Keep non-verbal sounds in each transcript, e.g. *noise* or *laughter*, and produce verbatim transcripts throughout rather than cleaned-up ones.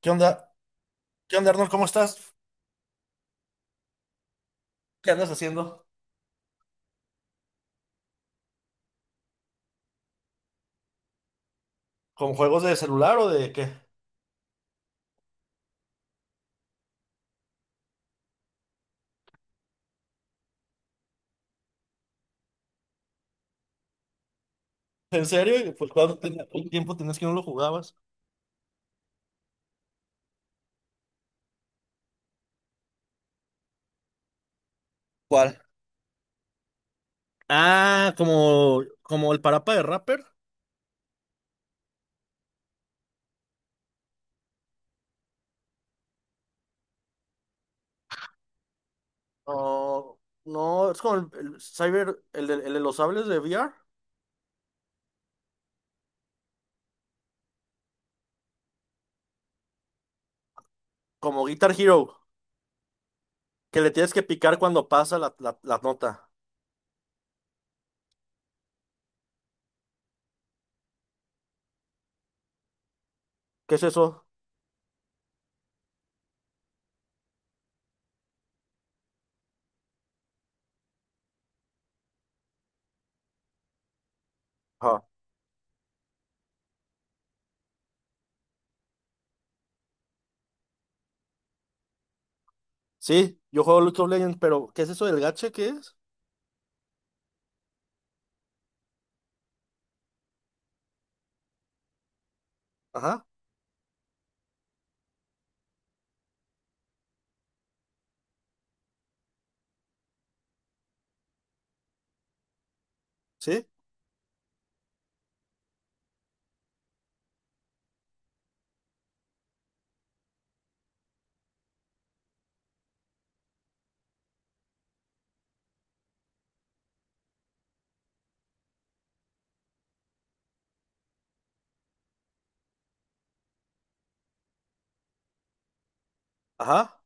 ¿Qué onda? ¿Qué onda, Arnold? ¿Cómo estás? ¿Qué andas haciendo? ¿Con juegos de celular o de qué? ¿En serio? ¿Y pues cuánto ten- cuánto tiempo tenías que no lo jugabas? ¿Cuál? Ah, como, como el parapa de rapper. No, no, es como el, el Cyber, el de, el de los sables de V R, como Guitar Hero, que le tienes que picar cuando pasa la, la- la nota. ¿Qué es eso? Ajá. Sí, yo juego League of Legends, pero ¿qué es eso del gacha? ¿Qué es? Ajá, sí, ajá,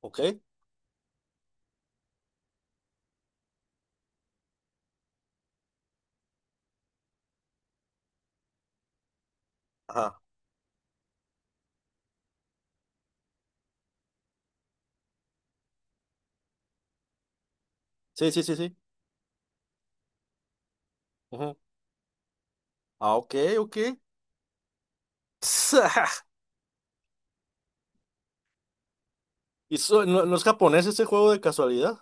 ok, ajá, sí, sí, sí, sí. Ah, ok, ok. *laughs* ¿Y so- no, no es japonés ese juego de casualidad?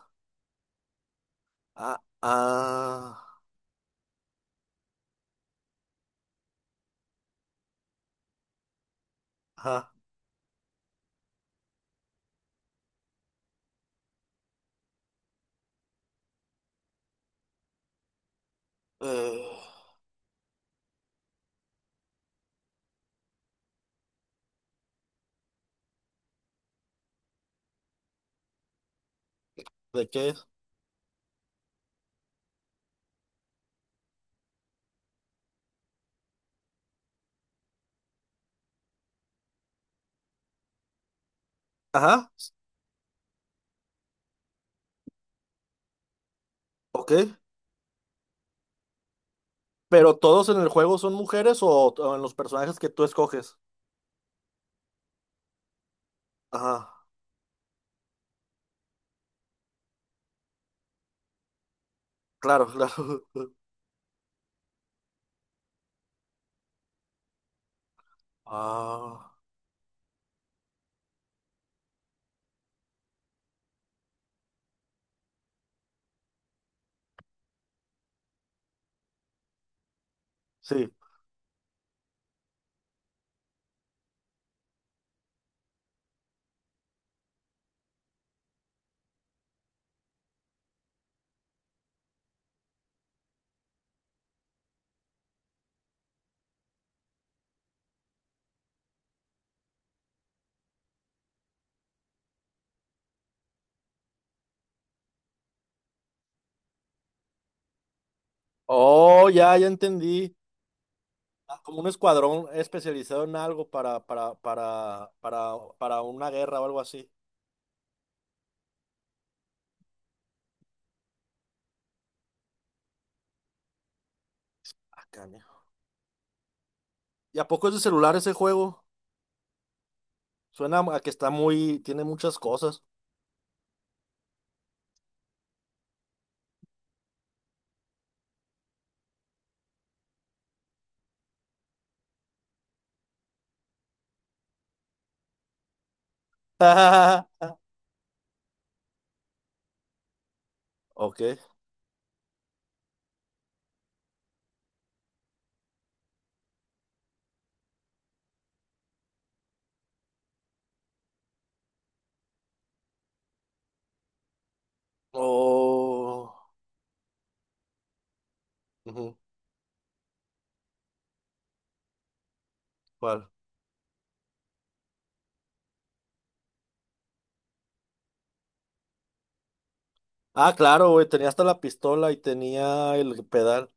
Ah, ah, ajá. Eh, ¿De qué es? Ajá, ok. ¿Pero todos en el juego son mujeres o, o en los personajes que tú escoges? Ajá, claro, claro. *laughs* Ah, sí. Oh, ya, ya entendí. Ah, como un escuadrón especializado en algo para, para, para, para, para una guerra o algo así. Ah, caña. ¿Y a poco es de celular ese juego? Suena a que está muy, tiene muchas cosas. *laughs* Ok. Oh. Ujú. ¿Cuál? Ah, claro, güey, tenía hasta la pistola y tenía el pedal.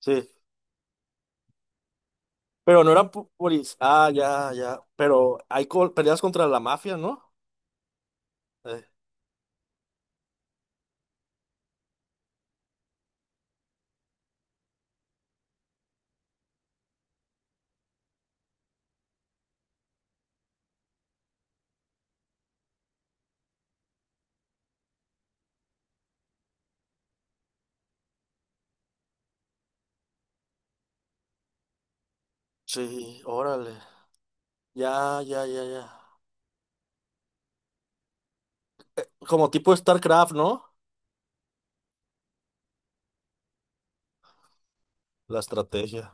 Sí. Pero no eran pu- puris. Ah, ya, ya. Pero hay col- peleas contra la mafia, ¿no? Eh, sí, órale. Ya, ya, ya, ya. Como tipo StarCraft, ¿no? La estrategia.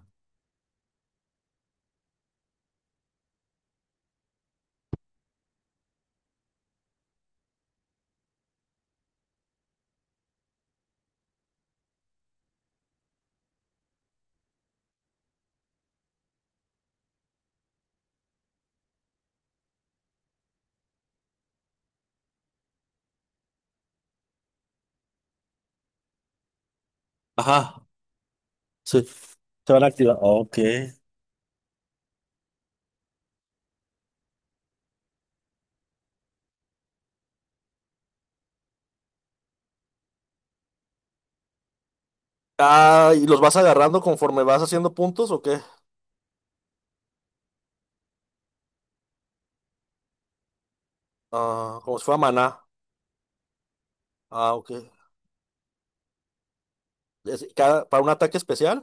Ajá. Sí. Se van a activar. Ok. Ah, ¿y los vas agarrando conforme vas haciendo puntos o qué? Ah, como si fuera maná. Ah, ok. Es- cada, para un ataque especial.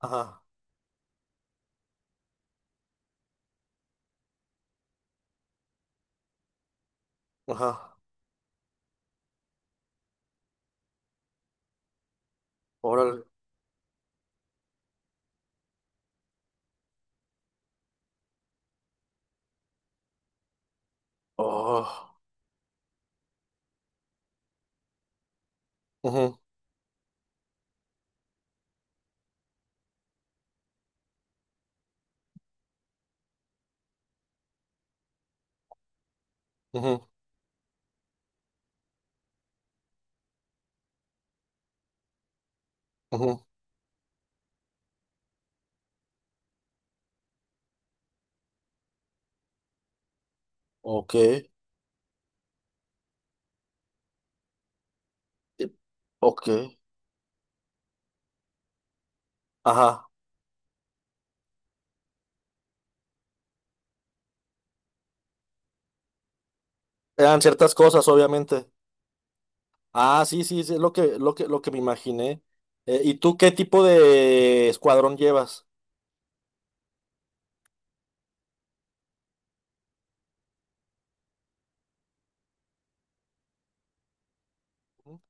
Ajá, ajá. Órale. Oh. Ujú, ujú, ujú. Ok. eh, Ok. Ajá. Eran ciertas cosas, obviamente. Ah, sí, sí, sí, es lo que, lo que, lo que me imaginé. Eh, ¿y tú qué tipo de escuadrón llevas? Ujú.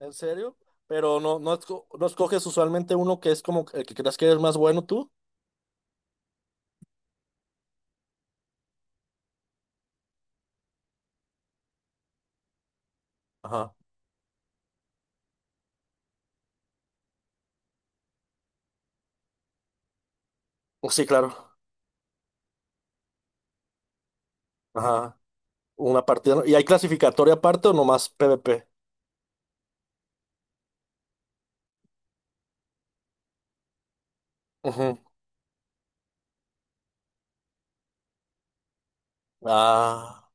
¿En serio? Pero no, no, esco- no escoges usualmente uno que es como el que creas que eres más bueno tú. Ajá. Sí, claro. Ajá. Una partida, ¿no? ¿Y hay clasificatoria aparte o nomás PvP? Ah,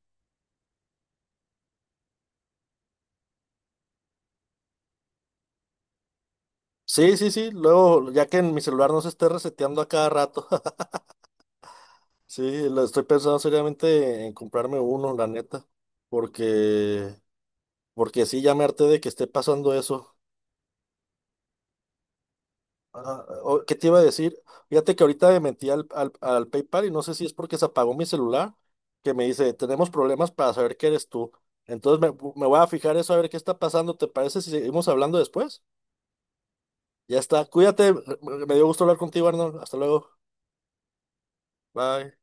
sí, sí, sí. Luego, ya que en mi celular no se esté reseteando a cada rato. *laughs* Sí, lo estoy pensando seriamente en comprarme uno, la neta. Porque, porque sí, ya me harté de que esté pasando eso. Ah, o- ¿qué te iba a decir? Fíjate que ahorita me metí al, al, al PayPal y no sé si es porque se apagó mi celular, que me dice, tenemos problemas para saber que eres tú. Entonces me, me voy a fijar eso a ver qué está pasando. ¿Te parece si seguimos hablando después? Ya está. Cuídate. Me me dio gusto hablar contigo, Arnold. Hasta luego. Bye.